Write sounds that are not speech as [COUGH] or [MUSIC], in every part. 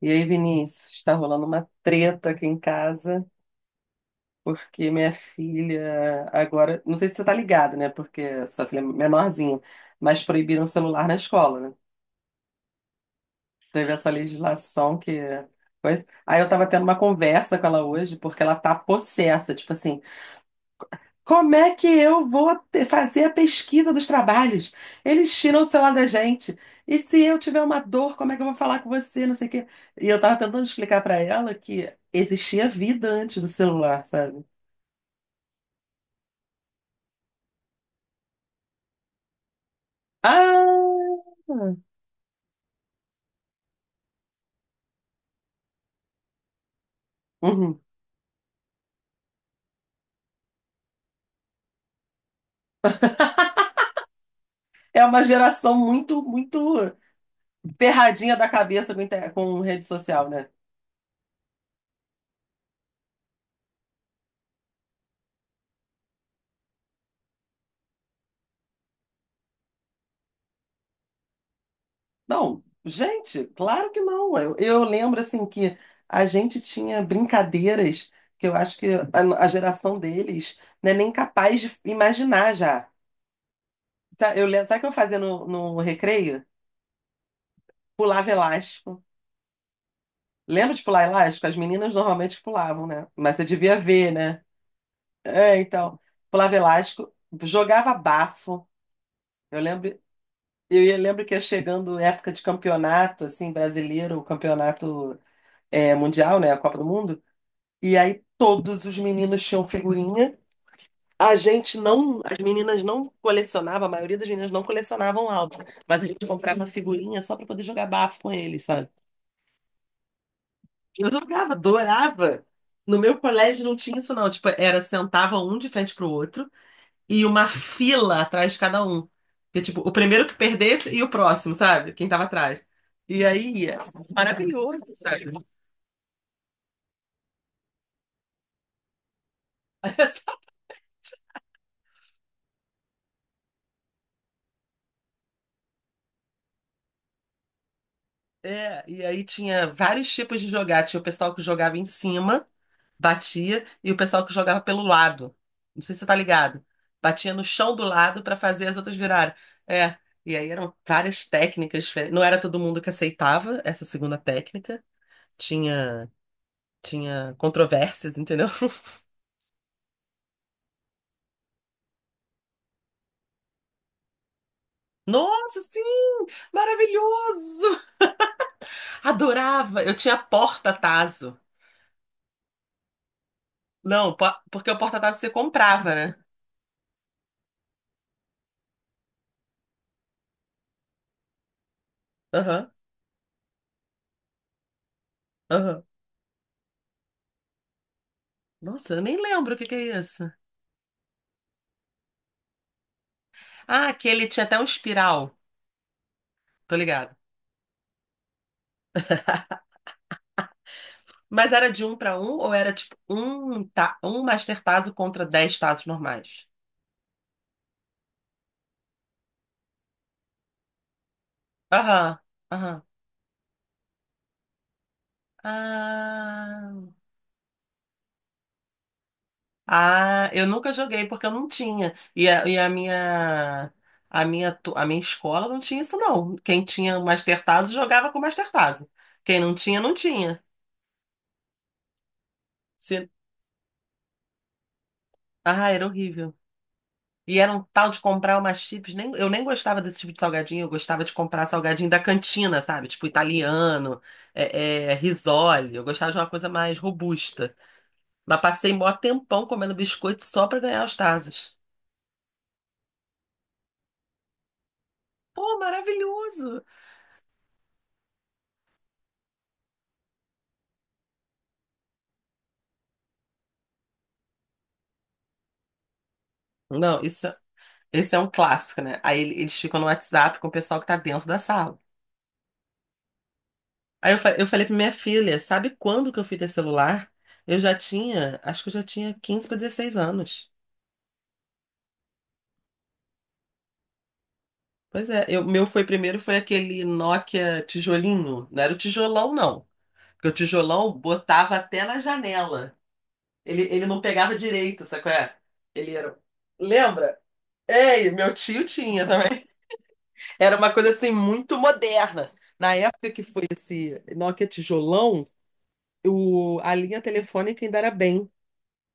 E aí, Vinícius, está rolando uma treta aqui em casa, porque minha filha agora, não sei se você tá ligado, né? Porque sua filha é menorzinha, mas proibiram o celular na escola, né? Teve essa legislação que coisa. Aí eu tava tendo uma conversa com ela hoje, porque ela tá possessa, tipo assim, como é que eu vou fazer a pesquisa dos trabalhos? Eles tiram o celular da gente. E se eu tiver uma dor, como é que eu vou falar com você? Não sei o quê. E eu tava tentando explicar pra ela que existia vida antes do celular, sabe? Ah! Uhum. É uma geração muito, muito ferradinha da cabeça com rede social, né? Não, gente, claro que não. Eu lembro assim que a gente tinha brincadeiras que eu acho que a geração deles não é nem capaz de imaginar já. Eu lembro, sabe o que eu fazia no recreio? Pulava elástico. Lembra de pular elástico? As meninas normalmente pulavam, né? Mas você devia ver, né? É, então, pulava elástico, jogava bafo. Eu lembro, lembro que ia chegando época de campeonato, assim, brasileiro, o campeonato mundial, né? A Copa do Mundo. E aí todos os meninos tinham figurinha. A gente não, as meninas não colecionavam, a maioria das meninas não colecionavam álbum, mas a gente comprava figurinha só para poder jogar bafo com eles, sabe? Eu jogava, adorava. No meu colégio não tinha isso não, tipo, era sentava um de frente pro outro e uma fila atrás de cada um. Que tipo, o primeiro que perdesse e o próximo, sabe? Quem tava atrás. E aí, é maravilhoso, sabe? [LAUGHS] É, e aí tinha vários tipos de jogar. Tinha o pessoal que jogava em cima batia e o pessoal que jogava pelo lado. Não sei se você tá ligado. Batia no chão do lado para fazer as outras virarem. É, e aí eram várias técnicas diferentes. Não era todo mundo que aceitava essa segunda técnica. Tinha tinha controvérsias, entendeu? [LAUGHS] Nossa, sim! Maravilhoso! Adorava. Eu tinha porta-tazo. Não, porque o porta-tazo você comprava, né? Aham, aham. Nossa, eu nem lembro o que que é isso. Ah, aquele tinha até um espiral. Tô ligado. Mas era de um para um ou era tipo um, ta um Master Tazo contra 10 Tazos normais? Aham, aham. Ah, ah, eu nunca joguei porque eu não tinha. A minha escola não tinha isso não. Quem tinha o Master Tazo jogava com o Master Tazo. Quem não tinha, não tinha. Se- Ah, era horrível. E era um tal de comprar umas chips. Nem, eu nem gostava desse tipo de salgadinho, eu gostava de comprar salgadinho da cantina, sabe? Tipo italiano, risole. Eu gostava de uma coisa mais robusta. Mas passei mó tempão comendo biscoito só pra ganhar os Tazos. Pô, maravilhoso! Não, isso, esse é um clássico, né? Aí eles ficam no WhatsApp com o pessoal que tá dentro da sala. Aí eu falei pra minha filha, sabe quando que eu fui ter celular? Eu já tinha, acho que eu já tinha 15 para 16 anos. Pois é, meu foi primeiro foi aquele Nokia tijolinho. Não era o tijolão, não. Porque o tijolão botava até na janela. Ele não pegava direito, sabe qual é? Ele era. Lembra? É, e meu tio tinha também. [LAUGHS] Era uma coisa assim muito moderna. Na época que foi esse Nokia tijolão, a linha telefônica ainda era bem,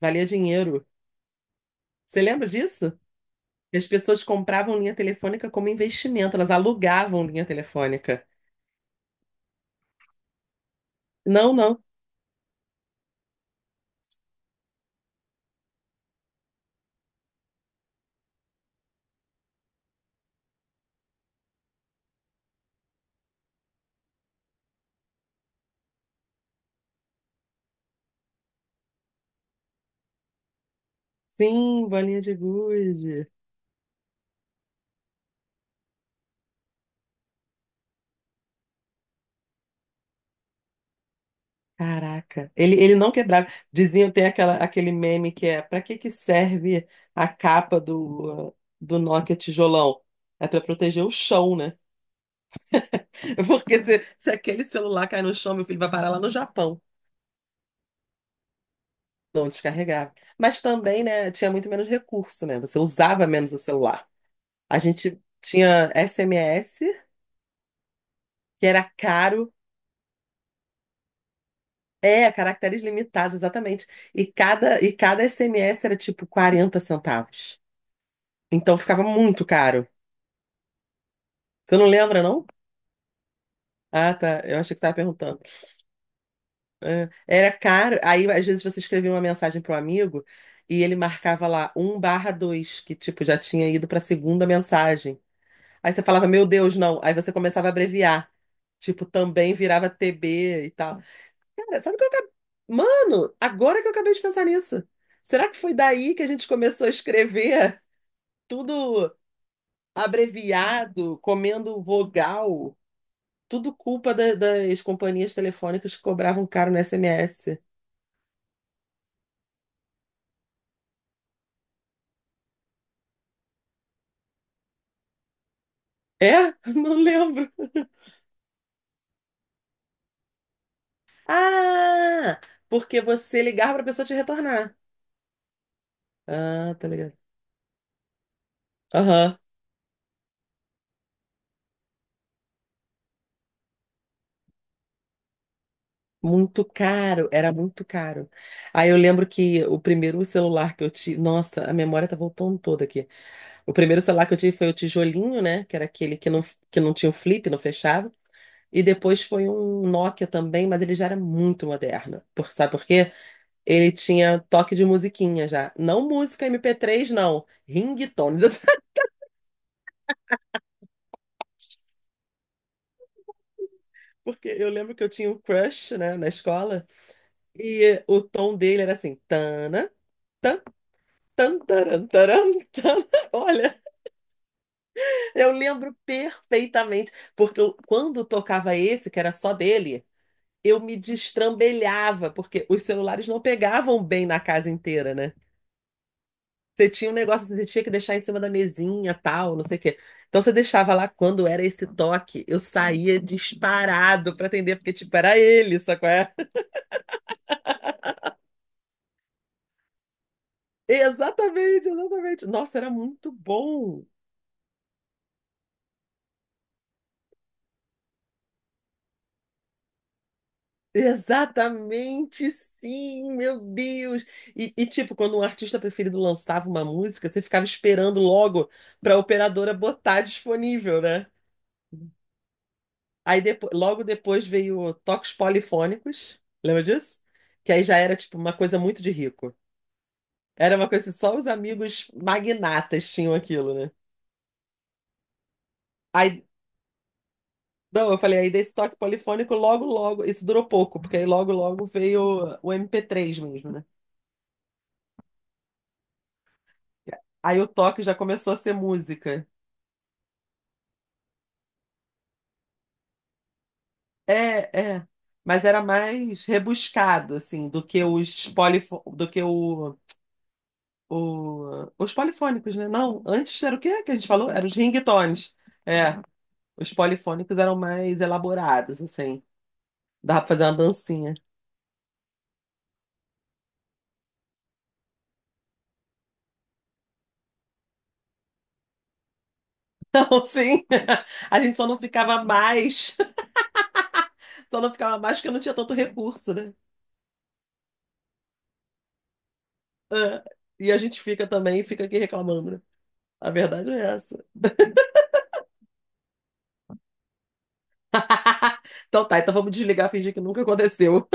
valia dinheiro. Você lembra disso? As pessoas compravam linha telefônica como investimento, elas alugavam linha telefônica. Não, não. Sim, bolinha de gude. Caraca, ele não quebrava. Diziam, tem aquela, aquele meme que é para que que serve a capa do Nokia tijolão? É para proteger o chão, né? [LAUGHS] Porque se aquele celular cai no chão, meu filho vai parar lá no Japão. Não descarregava. Mas também, né, tinha muito menos recurso, né? Você usava menos o celular. A gente tinha SMS, que era caro. É, caracteres limitados, exatamente. E cada SMS era tipo 40 centavos. Então ficava muito caro. Você não lembra, não? Ah, tá. Eu achei que você estava perguntando. Era caro. Aí, às vezes, você escrevia uma mensagem para um amigo e ele marcava lá 1/2 que tipo já tinha ido para a segunda mensagem. Aí você falava, meu Deus, não. Aí você começava a abreviar. Tipo, também virava TB e tal. Cara, sabe o que eu acabei... Mano, agora que eu acabei de pensar nisso. Será que foi daí que a gente começou a escrever tudo abreviado, comendo vogal? Tudo culpa das companhias telefônicas que cobravam caro no SMS. É? [LAUGHS] Não lembro. Ah, porque você ligava pra pessoa te retornar. Ah, tô ligado. Muito caro, era muito caro. Aí eu lembro que o primeiro celular que eu tive. Nossa, a memória tá voltando toda aqui. O primeiro celular que eu tive foi o tijolinho, né? Que era aquele que não tinha o flip, não fechava. E depois foi um Nokia também, mas ele já era muito moderno. Sabe por quê? Ele tinha toque de musiquinha já. Não música MP3, não. Ringtones. [LAUGHS] Porque eu lembro que eu tinha um crush, né, na escola. E o tom dele era assim: tana. Tan, taran, taran, tan. [LAUGHS] Olha, eu lembro perfeitamente, porque quando tocava esse, que era só dele, eu me destrambelhava, porque os celulares não pegavam bem na casa inteira, né? Você tinha um negócio assim, você tinha que deixar em cima da mesinha, tal, não sei o quê. Então você deixava lá quando era esse toque, eu saía disparado pra atender, porque tipo, era ele, sacou? É? [LAUGHS] Exatamente, exatamente. Nossa, era muito bom. Exatamente, sim, meu Deus. E, tipo, quando um artista preferido lançava uma música, você ficava esperando logo para a operadora botar disponível, né? Aí logo depois veio o Toques Polifônicos, lembra disso? Que aí já era tipo uma coisa muito de rico. Era uma coisa que só os amigos magnatas tinham aquilo, né? Aí, não, eu falei, aí desse toque polifônico, logo, logo, isso durou pouco, porque aí logo, logo veio o MP3 mesmo, né? Aí o toque já começou a ser música. É, é. Mas era mais rebuscado, assim, do que os polifônicos, né? Não, antes era o quê que a gente falou? Eram os ringtones. É, os polifônicos eram mais elaborados, assim. Dava pra fazer uma dancinha. [LAUGHS] Então, sim, [LAUGHS] a gente só não ficava mais, [LAUGHS] só não ficava mais porque não tinha tanto recurso, né? É. E a gente fica também, fica aqui reclamando, né? A verdade é essa. [LAUGHS] Então tá, então vamos desligar, fingir que nunca aconteceu.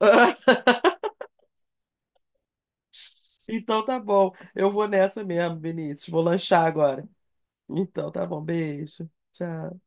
[LAUGHS] Então tá bom. Eu vou nessa mesmo, Vinícius. Vou lanchar agora. Então tá bom. Beijo. Tchau.